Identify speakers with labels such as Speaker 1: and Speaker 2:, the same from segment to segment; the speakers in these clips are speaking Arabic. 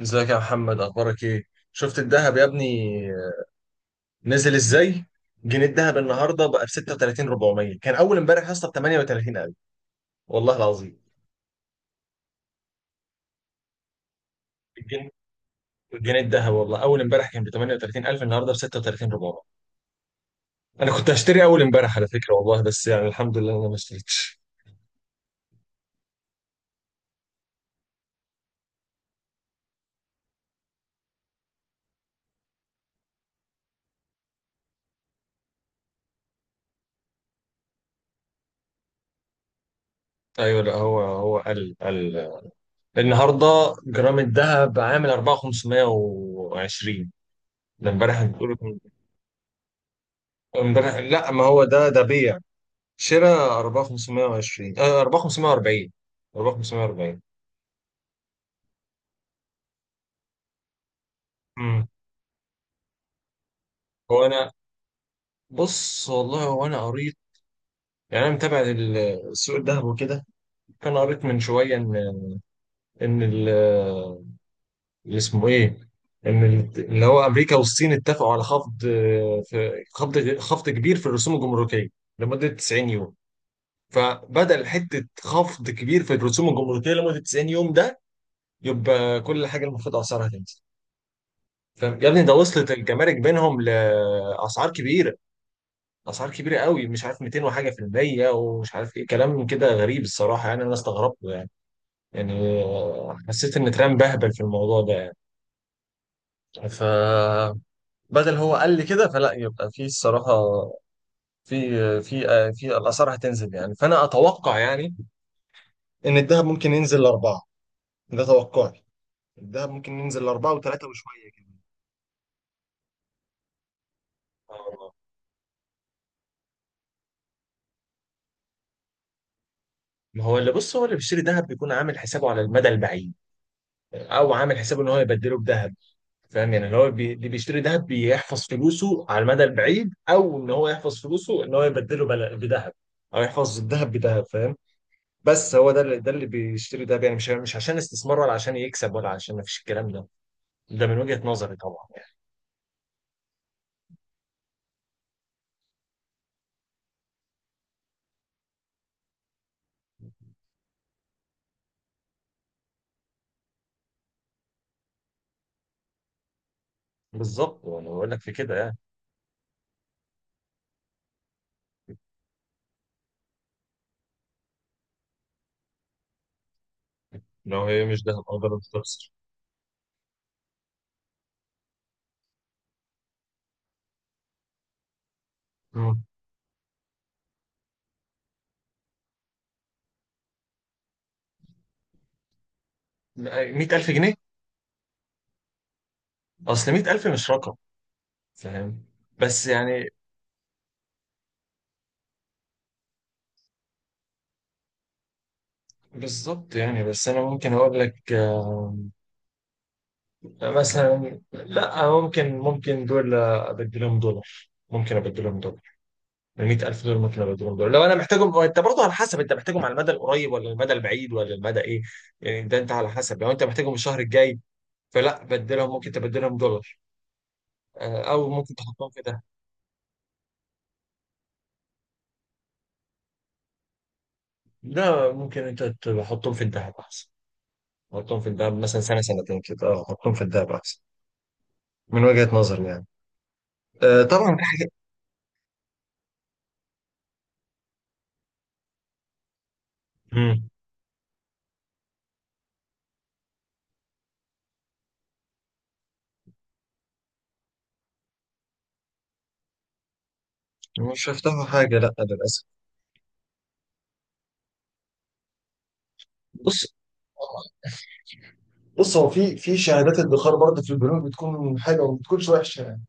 Speaker 1: ازيك يا محمد؟ اخبارك ايه؟ شفت الذهب يا ابني؟ نزل ازاي! جنيه الذهب النهارده بقى ب 36 400، كان اول امبارح يا اسطى ب 38,000. والله العظيم. الجنيه الجنيه الذهب والله اول امبارح كان ب 38,000، النهارده ب 36 400. انا كنت هشتري اول امبارح على فكره والله، بس يعني الحمد لله انا ما اشتريتش. ايوه، لا هو قل قل. النهارده جرام الذهب عامل 4,520. ده امبارح بتقول؟ امبارح؟ لا، ما هو ده بيع. شراء 4,520، آه 4,540. 4,540. امم هو انا، بص والله هو انا قريت. يعني انا متابع سوق الذهب وكده. كان قريت من شويه ان ان ال- اللي اسمه ايه ان ال- اللي هو امريكا والصين اتفقوا على خفض، في خفض كبير في الرسوم الجمركيه لمده 90 يوم. فبدل حته خفض كبير في الرسوم الجمركيه لمده 90 يوم ده، يبقى كل حاجه المفروض اسعارها تنزل. فاهم يا ابني؟ ده وصلت الجمارك بينهم لاسعار كبيره، اسعار كبيره قوي. مش عارف 200 وحاجه في المية ومش عارف ايه، كلام كده غريب الصراحه يعني. انا استغربت يعني. يعني حسيت ان ترامب بهبل في الموضوع ده. يعني فبدل، هو قال لي كده فلا يبقى في الصراحه في في في الاسعار هتنزل يعني. فانا اتوقع يعني ان الذهب ممكن ينزل لاربعه. ده توقعي. الذهب ممكن ينزل لاربعه وثلاثه وشويه كده. آه والله. ما هو اللي، بص هو اللي بيشتري ذهب بيكون عامل حسابه على المدى البعيد، او عامل حسابه ان هو يبدله بذهب. فاهم؟ يعني اللي هو بي، اللي بيشتري ذهب بيحفظ فلوسه على المدى البعيد، او ان هو يحفظ فلوسه ان هو يبدله بل، بذهب. او يحفظ الذهب بذهب، فاهم؟ بس هو ده اللي بيشتري ذهب يعني مش عشان استثمار ولا عشان يكسب ولا عشان ما فيش، الكلام ده. ده من وجهة نظري طبعا يعني. بالظبط، وانا بقول لك في كده يعني. ان هو هي مش ذهب او ده بتخسر. 100,000 جنيه؟ اصل 100,000 مش رقم، فاهم؟ بس يعني بالظبط يعني. بس انا ممكن اقول لك مثلا، لا ممكن دول ابدلهم دولار. ممكن ابدلهم دولار ب 100,000 دولار. ممكن ابدلهم دولار لو انا محتاجهم. انت برضه على حسب انت محتاجهم على المدى القريب ولا المدى البعيد ولا المدى ايه. يعني ده انت على حسب، لو انت محتاجهم الشهر الجاي فلا بدلهم، ممكن تبدلهم دولار. او ممكن تحطهم في ده. لا، ممكن انت تحطهم في الذهب احسن. تحطهم في الذهب مثلا سنه سنتين كده، اه حطهم في الذهب احسن. من وجهه نظري يعني. طبعا في حاجه. مم. مش هفتحوا حاجه، لا للاسف. بص. بص هو في في شهادات ادخار برضه في البنوك، بتكون حلوه وما بتكونش وحشه يعني.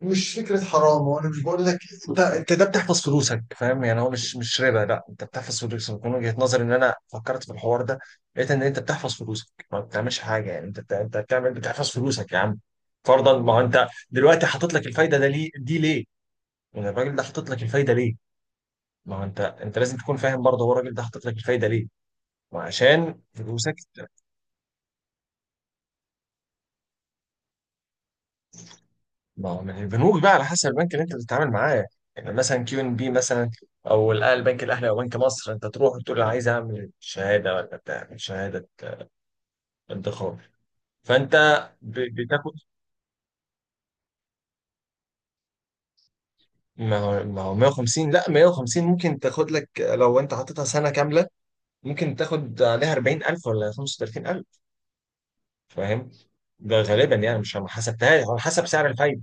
Speaker 1: مش فكره حرام، وانا مش بقول لك. انت ده بتحفظ فلوسك فاهم يعني. هو مش ربا، لا انت بتحفظ فلوسك. من وجهه نظري، ان انا فكرت في الحوار ده لقيت ان انت بتحفظ فلوسك، ما بتعملش حاجه يعني. انت بتعمل، بتحفظ فلوسك يا عم. فرضا ما هو انت دلوقتي حاطط لك الفايده ده ليه دي ليه؟ يعني الراجل ده حاطط لك الفايده ليه؟ ما هو انت لازم تكون فاهم برضه، هو الراجل ده حاطط لك الفايده ليه؟ ما عشان فلوسك. ما هو من البنوك بقى على حسب البنك اللي انت بتتعامل معاه. يعني مثلا كيو ان بي مثلا، او البنك الاهلي او بنك مصر. انت تروح وتقول انا عايز اعمل شهاده ولا بتاع، شهاده ادخار. فانت بتاخد. ما هو 150، لا 150 ممكن تاخد لك لو انت حاططها سنه كامله. ممكن تاخد عليها 40,000 ولا 35,000، فاهم؟ ده غالبا يعني مش، ما حسبتهاش على حسب سعر الفايده.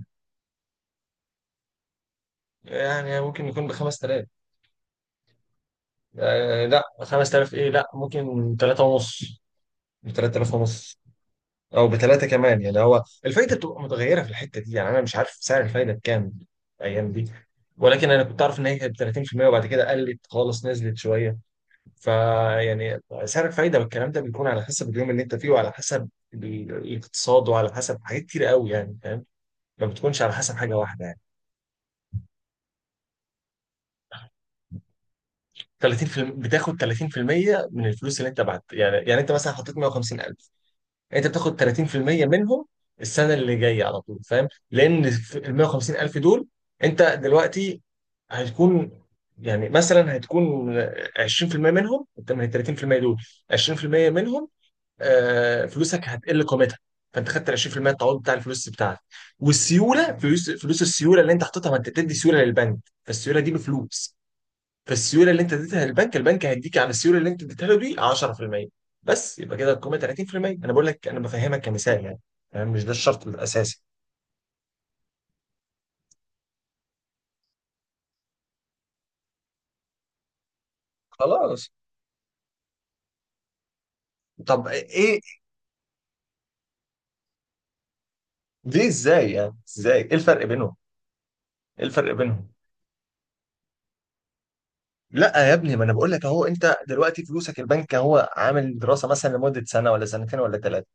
Speaker 1: يعني ممكن يكون ب 5,000، آه لا 5,000 ايه، لا ممكن 3 ونص. ب 3,000 ونص، او بثلاثه كمان يعني. هو الفايده بتبقى متغيره في الحته دي يعني. انا مش عارف سعر الفايده بكام الايام دي. ولكن انا كنت اعرف ان هي كانت 30%، وبعد كده قلت خالص نزلت شويه. فيعني سعر الفايده والكلام ده بيكون على حسب اليوم اللي انت فيه، وعلى حسب الاقتصاد وعلى حسب حاجات كتير قوي يعني، فاهم؟ ما بتكونش على حسب حاجه واحده يعني. 30، بتاخد 30% من الفلوس اللي انت بعت يعني. يعني انت مثلا حطيت 150,000، انت بتاخد 30% منهم السنه اللي جايه على طول، فاهم؟ لان ال 150 الف دول، انت دلوقتي هتكون، يعني مثلا هتكون 20% منهم، انت من ال 30% دول 20% منهم، فلوسك هتقل قيمتها. فانت خدت ال 20% التعويض بتاع الفلوس بتاعتك. والسيوله، فلوس، السيوله اللي انت حاططها، ما انت بتدي سيوله للبنك. فالسيوله دي بفلوس. فالسيوله اللي انت اديتها للبنك، البنك هيديك على السيوله اللي انت اديتها له دي 10%. بس يبقى كده القيمه 30%. انا بقول لك انا بفهمك كمثال يعني، فاهم؟ مش ده الشرط الاساسي. خلاص. طب ايه؟ ليه؟ ازاي يعني؟ ازاي؟ ايه الفرق بينهم؟ ايه الفرق بينهم؟ لا يا ابني، ما انا بقول لك اهو. انت دلوقتي فلوسك البنك هو عامل دراسه مثلا لمده سنه ولا سنتين ولا ثلاثه.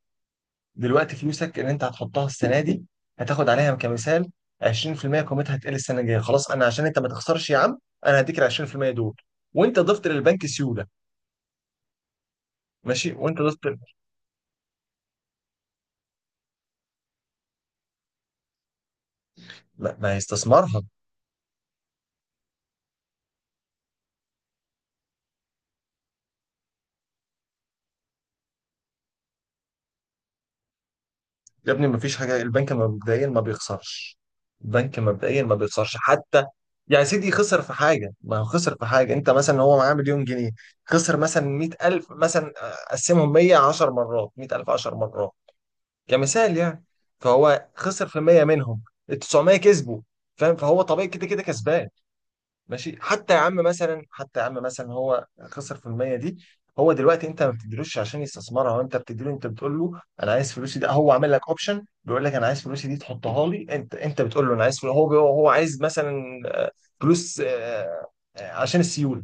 Speaker 1: دلوقتي فلوسك اللي انت هتحطها السنه دي هتاخد عليها كمثال 20%، قيمتها هتقل السنه الجايه. خلاص، انا عشان انت ما تخسرش يا عم، انا هديك ال 20% دول، وانت ضفت للبنك سيوله. ماشي، وانت ضفت. لا، ما هيستثمرها. يا ابني ما فيش حاجه، البنك مبدئيا ما بيخسرش. البنك مبدئيا ما بيخسرش حتى. يعني سيدي خسر في حاجه؟ ما هو خسر في حاجه. انت مثلا هو معاه مليون جنيه، خسر مثلا 100,000 مثلا، قسمهم 100، 10 مرات، 100,000، 10 مرات، كمثال يعني. فهو خسر في 100 منهم، ال 900 كسبوا. فاهم؟ فهو طبيعي كده كده كسبان. ماشي، حتى يا عم مثلا هو خسر في المية دي. هو دلوقتي انت ما بتديلوش عشان يستثمرها، وانت بتديله، انت بتقول له انا عايز فلوسي. ده هو عامل لك اوبشن بيقول لك انا عايز فلوسي دي تحطها لي. انت بتقول له انا عايز فلوسي، هو بي، هو عايز مثلا فلوس، عشان السيوله.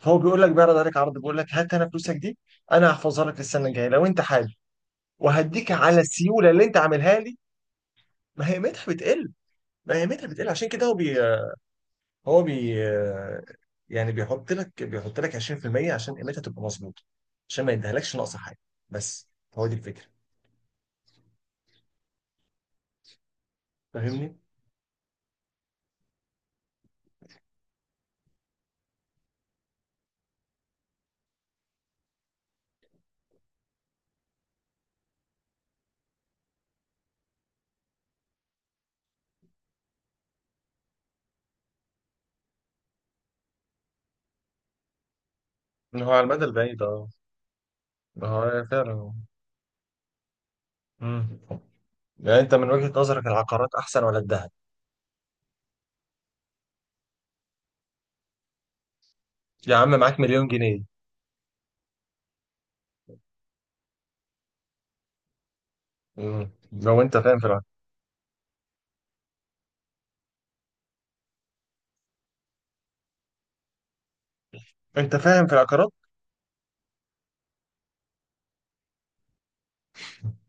Speaker 1: فهو بيقول لك، بيعرض عليك عرض بيقول لك هات انا فلوسك دي، انا هحفظها لك للسنه الجايه لو انت حابب، وهديك على السيوله اللي انت عاملها لي. ما هي قيمتها بتقل. ما هي قيمتها بتقل عشان كده هو بي هو بي يعني بيحط لك 20% عشان قيمتها تبقى مظبوطه، عشان ما يديهالكش ناقصه حاجه بس. هو دي الفكره، فاهمني؟ إن هو على المدى البعيد اه. ما هو فعلا. مم. يعني انت من وجهة نظرك العقارات احسن ولا الذهب؟ يا عم معاك مليون جنيه. مم. لو انت فاهم في العقارات. انت فاهم في العقارات؟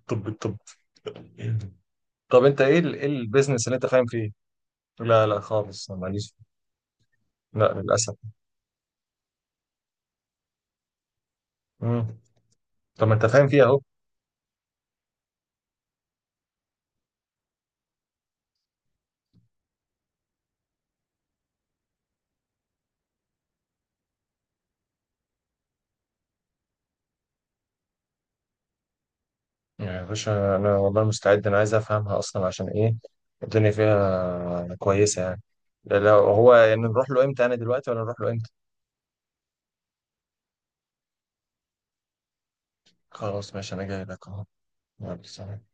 Speaker 1: طب، طب انت ايه ايه البيزنس اللي انت فاهم فيه؟ لا لا خالص، أنا ماليش. لا للاسف. مم. طب ما انت فاهم فيها اهو. يعني يا باشا انا والله مستعد، انا عايز افهمها اصلا. عشان ايه؟ الدنيا فيها كويسه يعني. لو هو يعني نروح له امتى؟ انا دلوقتي ولا نروح له امتى؟ خلاص ماشي، انا جاي لك اهو. يلا سلام.